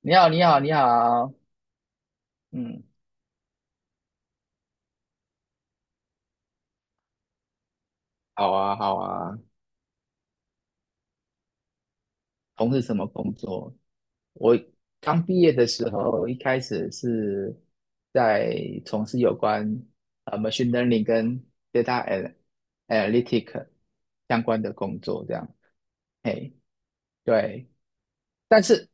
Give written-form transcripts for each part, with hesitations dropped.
你好，你好，你好，嗯，好啊，好啊，从事什么工作？我刚毕业的时候，一开始是在从事有关machine learning 跟 data analytic 相关的工作，这样。嘿，对，但是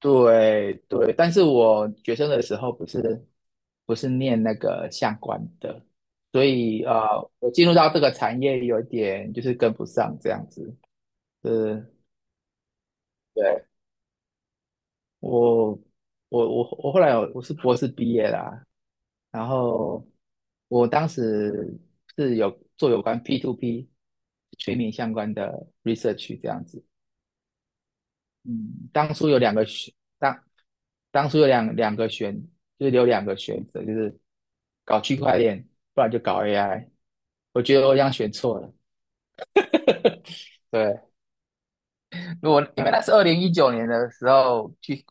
对对，但是我学生的时候不是念那个相关的，所以我进入到这个产业有点就是跟不上这样子。对，对，我我我我后来有我是博士毕业啦，然后我当时是有做有关 p to p 全民相关的 research 这样子。嗯，当初有两个选，当当初有两两个选，就是有两个选择，就是搞区块链，不然就搞 AI。我觉得我这样选错了，对，如果因为那是2019年的时候，区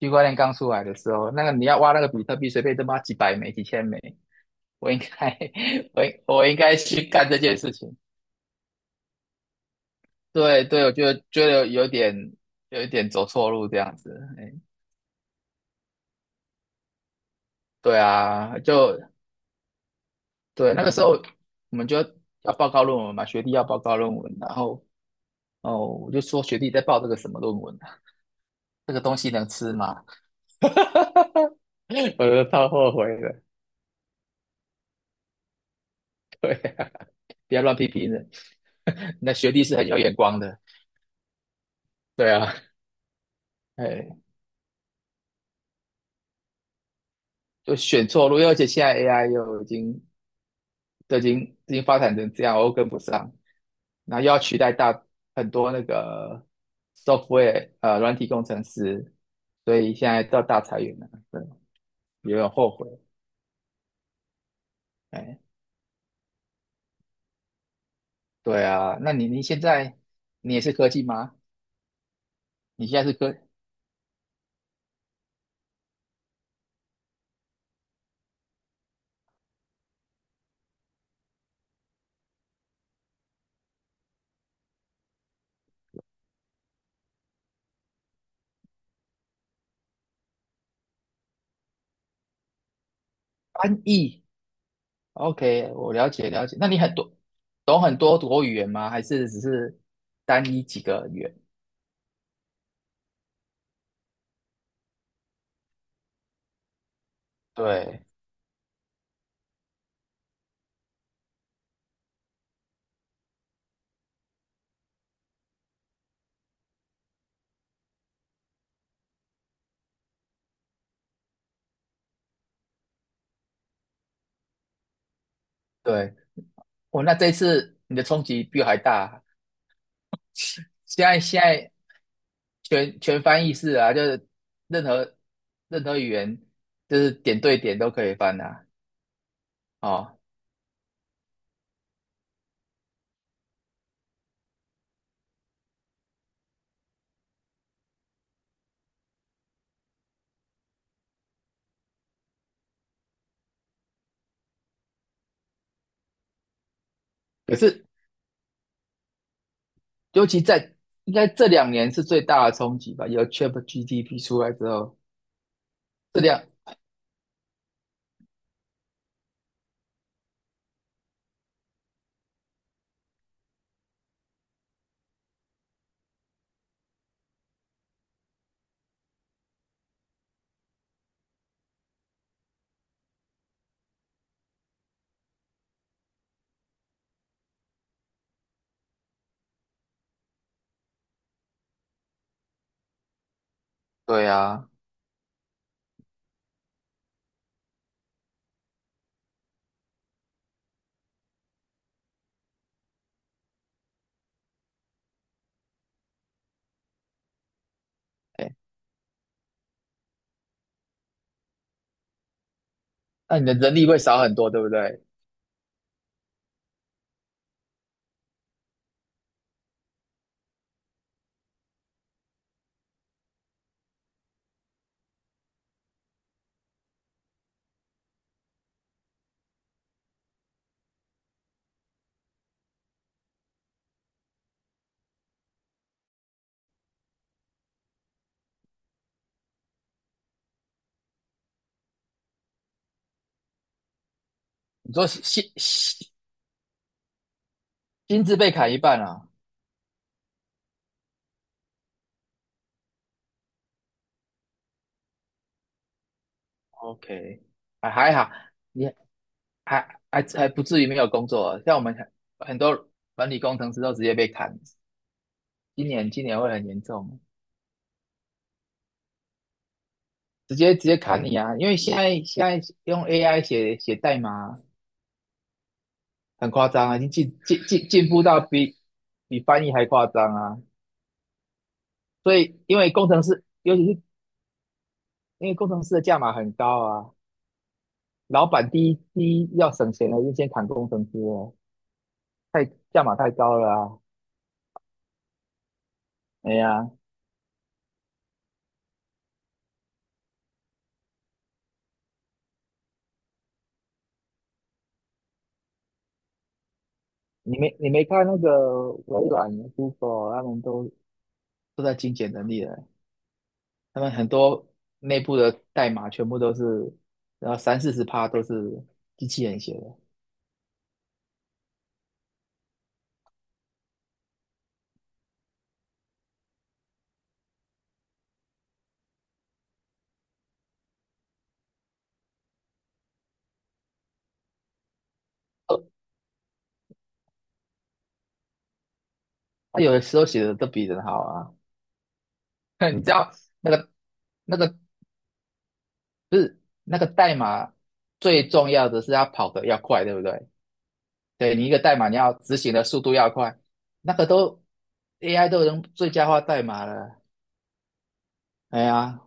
区块链刚出来的时候，那个你要挖那个比特币，随便都挖几百枚、几千枚。我应该，我应该去干这件事情。对对，我觉得有一点走错路这样子。哎，对啊，就对那个时候我们就要报告论文嘛，学弟要报告论文，然后哦，我就说学弟在报这个什么论文啊？这个东西能吃吗？我都超后悔的。对，不要乱批评人。那学弟是很有眼光的，对啊，哎，就选错路，而且现在 AI 又已经都已经已经发展成这样，我又跟不上，那又要取代很多那个 software 软体工程师，所以现在到大裁员了，对，有点后悔，哎，对啊，那你现在你也是科技吗？你现在是科翻译？OK，我了解了解，那你懂很多多语言吗？还是只是单一几个语言？对，对，哦，那这一次你的冲击比我还大。现在全翻译式啊，就是任何任何语言，就是点对点都可以翻啊。哦，可是尤其在应该这两年是最大的冲击吧？有 ChatGPT 出来之后，这两对啊，哎，那你的人力会少很多，对不对？你说心心资被砍一半啊？OK，还好，你还不至于没有工作啊，像我们很多管理工程师都直接被砍，今年会很严重，直接砍你啊！因为现在用 AI 写代码很夸张啊，已经进步到比翻译还夸张啊！所以因为工程师，尤其是因为工程师的价码很高啊，老板第一要省钱的就先砍工程师哦，价码太高了啊！哎呀，你没看那个微软、Google 他们都在精简能力了。他们很多内部的代码全部都是，然后三四十趴都是机器人写的。哦，他有的时候写的都比人好啊。你知道那个那个不是那个代码最重要的是要跑得要快，对不对？对，你一个代码你要执行的速度要快，那个都 AI 都能最佳化代码了。哎呀，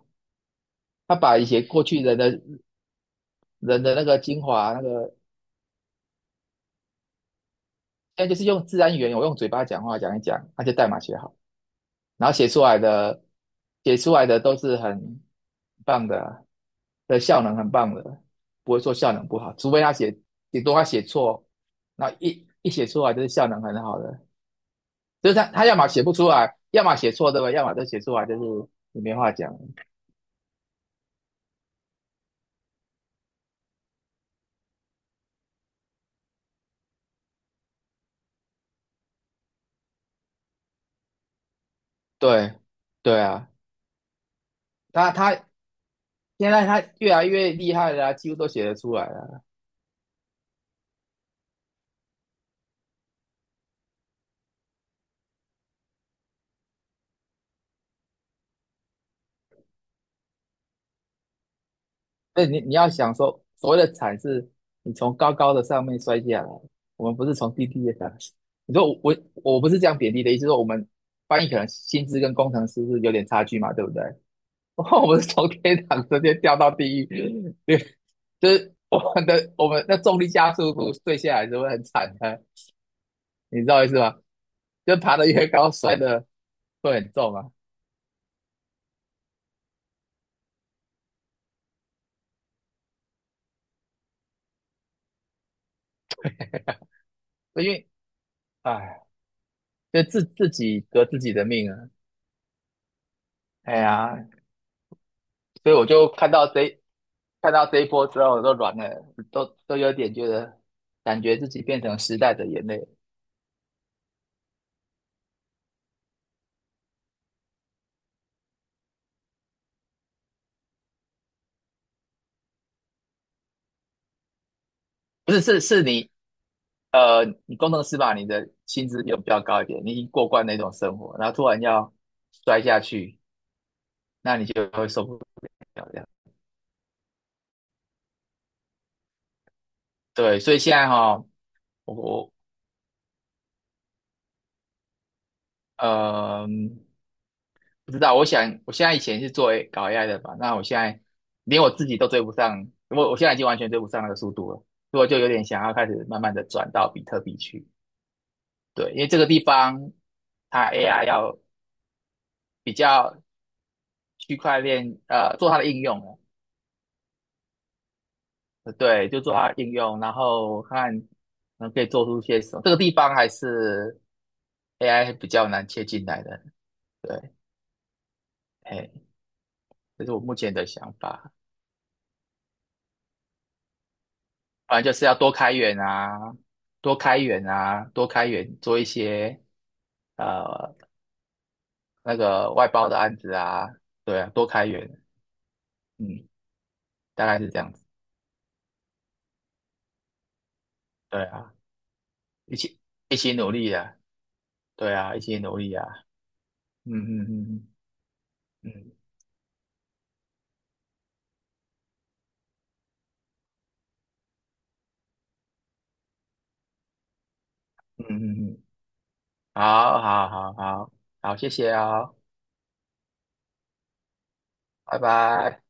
他把一些过去人的那个精华那个。现在就是用自然语言，我用嘴巴讲话讲一讲，他就代码写好了。然后写出来的都是很棒的啊，的效能很棒的，不会说效能不好，除非他写顶多他写错，那一写出来就是效能很好的，就是他要么写不出来，要么写错对吧？要么就写出来就是你没话讲，对对啊，他现在他越来越厉害了啊几乎都写得出来了。对，你要想说，所谓的惨是，你从高高的上面摔下来，我们不是从低低的下来。你说我不是这样贬低的意思，说我们翻译可能薪资跟工程师是有点差距嘛，对不对？我们是从天堂直接掉到地狱，对，就是我们那重力加速度坠下来是会很惨的，你知道意思吗？就爬得越高，摔得会很重啊，因为哎，就自己革自己的命啊，哎呀，所以我就看到这一波之后，我都软了，都有点觉得，感觉自己变成时代的眼泪。不是，是你，你工程师吧，你的薪资有比较高一点，你已经过惯那种生活，然后突然要摔下去，那你就会受不了这样。对，所以现在哈、我呃，不知道，我想我现在以前是搞 AI 的吧，那我现在连我自己都追不上，我现在已经完全追不上那个速度了，所以我就有点想要开始慢慢的转到比特币去。对，因为这个地方它 AI 要比较区块链做它的应用哦，对，就做它的应用，然后看可以做出些什么。这个地方还是 AI 比较难切进来的，对，哎，这是我目前的想法。反正就是要多开源啊，多开源啊，多开源，做一些呃那个外包的案子啊，对啊，多开源，嗯，大概是这样子，对啊，一起一起努力啊。对啊，一起努力啊，嗯嗯嗯嗯嗯嗯嗯嗯，好好好好好，谢谢啊哦，拜拜。